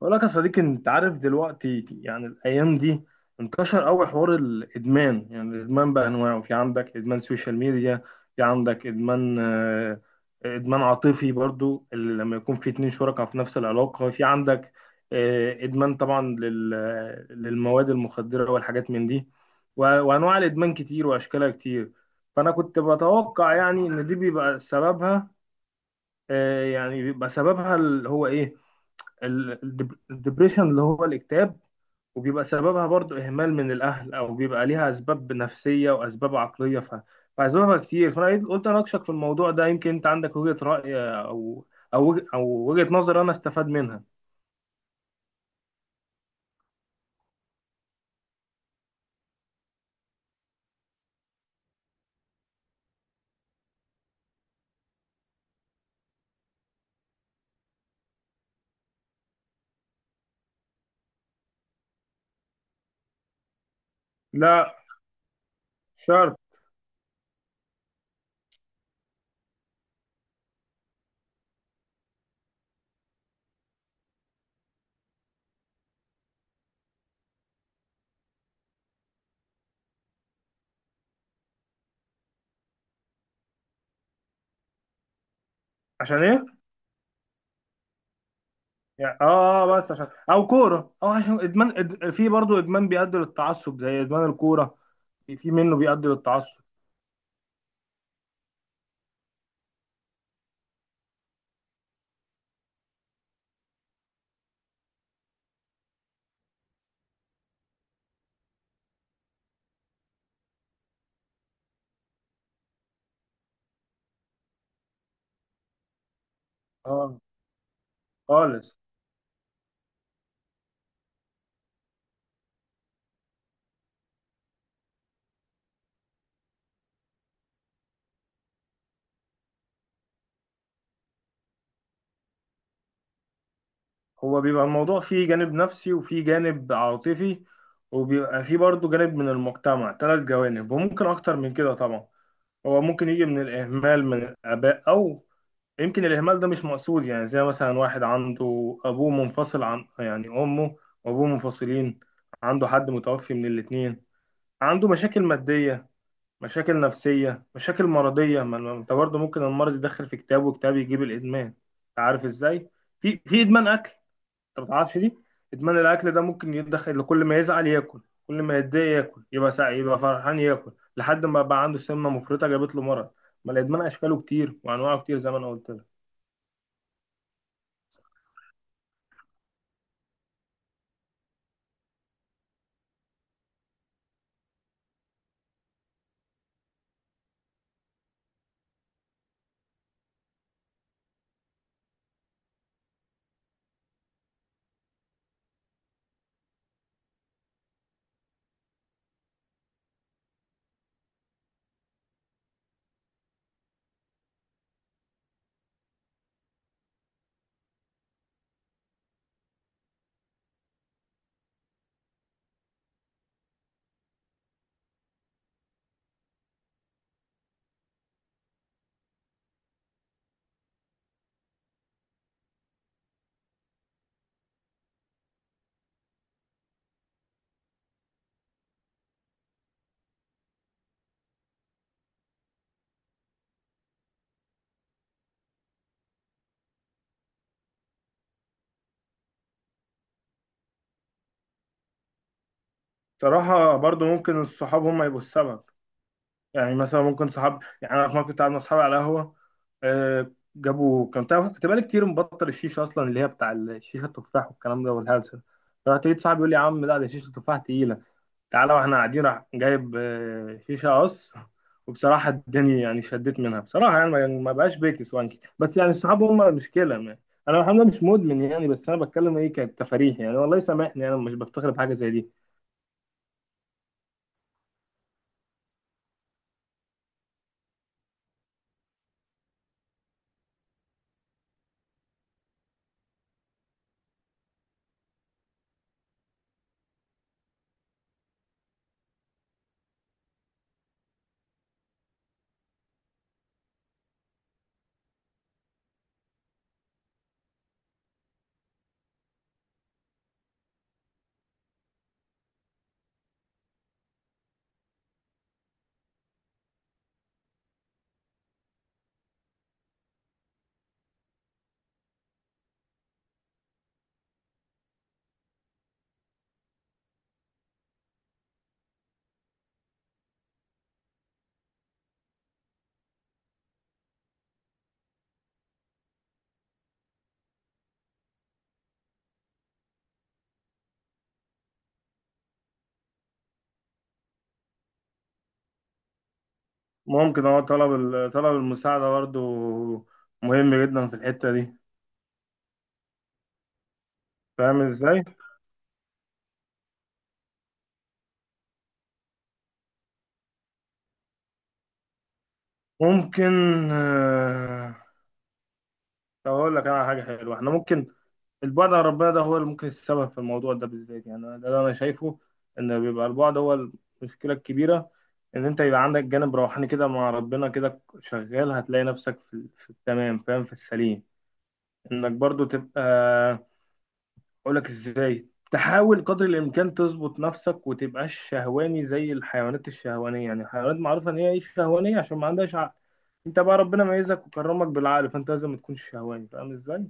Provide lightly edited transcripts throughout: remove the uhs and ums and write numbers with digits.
بقول لك يا صديقي، انت عارف دلوقتي يعني الايام دي انتشر قوي حوار الادمان. يعني الادمان بانواعه، في عندك ادمان سوشيال ميديا، في عندك ادمان ادمان عاطفي برضو اللي لما يكون في اتنين شركاء في نفس العلاقة، في عندك ادمان طبعا للمواد المخدرة والحاجات من دي. و- وانواع الادمان كتير واشكالها كتير. فانا كنت بتوقع يعني ان دي بيبقى سببها يعني بيبقى سببها اللي هو ايه، الدبريشن اللي هو الاكتئاب، وبيبقى سببها برضو إهمال من الأهل، أو بيبقى ليها أسباب نفسية وأسباب عقلية. فأسبابها كتير، فأنا قلت أناقشك في الموضوع ده يمكن أنت عندك وجهة رأي أو وجهة نظر أنا أستفاد منها. لا، شرط. عشان إيه؟ يعني آه. بس عشان أو كورة أو عشان في برضو إدمان بيؤدي للتعصب زي إدمان الكورة. في منه بيؤدي للتعصب. آه، خالص. هو بيبقى الموضوع فيه جانب نفسي وفيه جانب عاطفي، وبيبقى فيه برضه جانب من المجتمع، ثلاث جوانب وممكن أكتر من كده طبعا. هو ممكن يجي من الإهمال من الآباء، أو يمكن الإهمال ده مش مقصود. يعني زي مثلا واحد عنده أبوه منفصل عن يعني أمه، وأبوه منفصلين، عنده حد متوفي من الاتنين، عنده مشاكل مادية، مشاكل نفسية، مشاكل مرضية. ما أنت برضه ممكن المرض يدخل في كتاب، وكتاب يجيب الإدمان. أنت عارف إزاي؟ في إدمان أكل، انت ما تعرفش دي. ادمان الاكل ده ممكن يدخل، كل ما يزعل ياكل، كل ما يتضايق ياكل، يبقى يبقى فرحان ياكل، لحد ما بقى عنده سمنه مفرطه جابت له مرض. ما الادمان اشكاله كتير وانواعه كتير زي ما انا قلت لك. بصراحه برضو ممكن الصحاب هم يبقوا السبب. يعني مثلا ممكن صحاب، يعني انا في مره كنت قاعد مع اصحابي على قهوه، جابوا، كان تعرف كنت بقالي كتير مبطل الشيشه اصلا، اللي هي بتاع الشيشه التفاح والكلام ده والهلسه، فرحت لقيت صاحبي يقول لي يا عم لا، ده شيشه التفاح تقيله، تعالى. واحنا قاعدين راح جايب شيشه قص، وبصراحه اداني يعني شديت منها. بصراحه يعني ما بقاش بيكس وانكي، بس يعني الصحاب هم المشكله ما. انا الحمد لله مش مدمن يعني، بس انا بتكلم ايه، كانت تفاريح يعني. والله سامحني، انا مش بفتخر بحاجه زي دي. ممكن هو طلب طلب المساعده برضو مهم جدا في الحته دي. فاهم ازاي؟ ممكن آه. طب اقول لك انا على حاجه حلوه احنا ممكن، البعد عن ربنا ده هو اللي ممكن السبب في الموضوع ده بالذات. يعني ده اللي انا شايفه، ان بيبقى البعد هو المشكله الكبيره. ان انت يبقى عندك جانب روحاني كده مع ربنا كده شغال، هتلاقي نفسك في التمام، فاهم، في السليم. انك برضو تبقى، اقول لك ازاي، تحاول قدر الامكان تظبط نفسك وتبقاش شهواني زي الحيوانات الشهوانيه. يعني الحيوانات معروفه ان هي إيه، شهوانيه عشان ما عندهاش عقل. انت بقى ربنا ميزك وكرمك بالعقل، فانت لازم ما تكونش شهواني. فاهم ازاي؟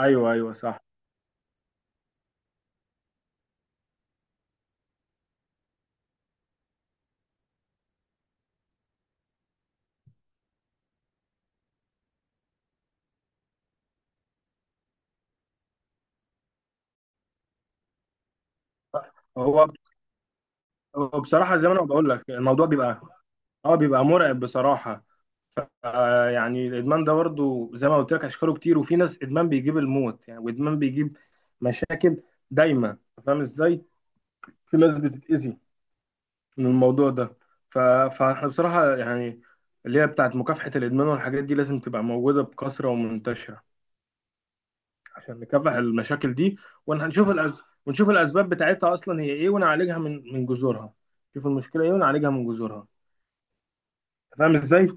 ايوه ايوه صح. هو وبصراحة زي ما انا بقول لك الموضوع بيبقى اه، بيبقى مرعب بصراحة. ف آه، يعني الادمان ده برضه زي ما قلت لك اشكاله كتير، وفي ناس ادمان بيجيب الموت يعني، وادمان بيجيب مشاكل دايما. فاهم ازاي؟ في ناس بتتأذي من الموضوع ده. ف... فاحنا بصراحة يعني اللي هي بتاعت مكافحة الادمان والحاجات دي لازم تبقى موجودة بكثرة ومنتشرة عشان نكافح المشاكل دي، ونشوف ونشوف الاسباب بتاعتها اصلا هي ايه، ونعالجها من جذورها. نشوف المشكلة ايه ونعالجها من جذورها. فاهم ازاي؟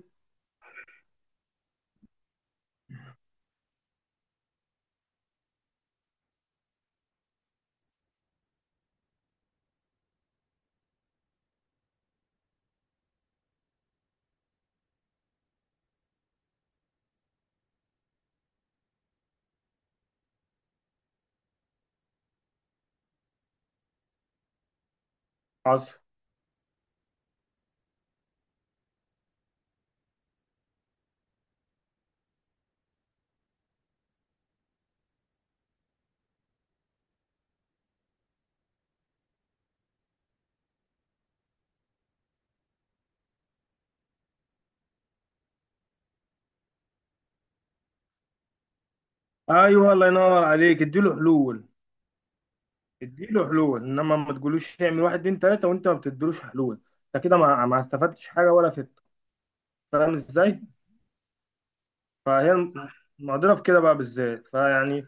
حصل. ايوه، الله ينور عليك، اديله حلول. اديله حلول، انما ما تقولوش اعمل واحد اتنين تلاته وانت ما بتديلوش حلول. انت كده ما استفدتش حاجه ولا فت. فاهم ازاي؟ فهي الم- المعضله في كده بقى بالذات. فيعني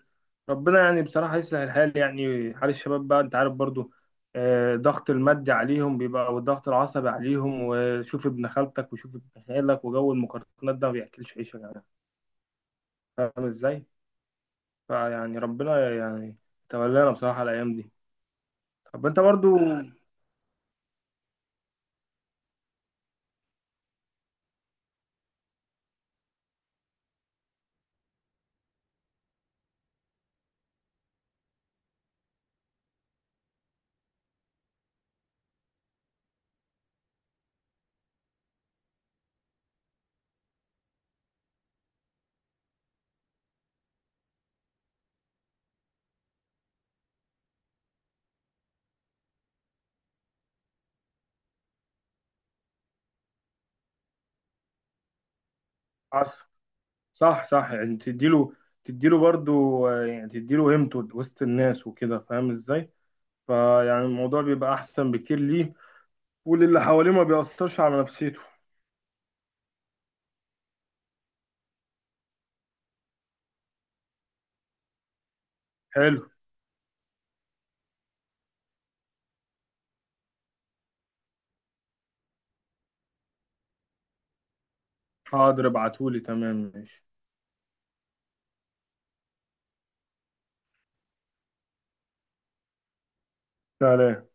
ربنا يعني بصراحه يسهل الحال، يعني حال الشباب بقى، انت عارف برضو ضغط المادي عليهم بيبقى، والضغط العصبي عليهم، وشوف ابن خالتك وشوف ابن خالك، وجو المقارنات ده ما بياكلش عيش يا جماعه. فاهم ازاي؟ فيعني ربنا يعني تولانا بصراحه الايام دي. طب انت برضو آه، عصر. صح صح، يعني تديله، تديله برضو يعني تديله قيمته وسط الناس وكده. فاهم ازاي؟ فيعني الموضوع بيبقى احسن بكتير ليه وللي حواليه، ما بيأثرش على نفسيته. حلو. حاضر، ابعتهولي، تمام، ماشي. سلام.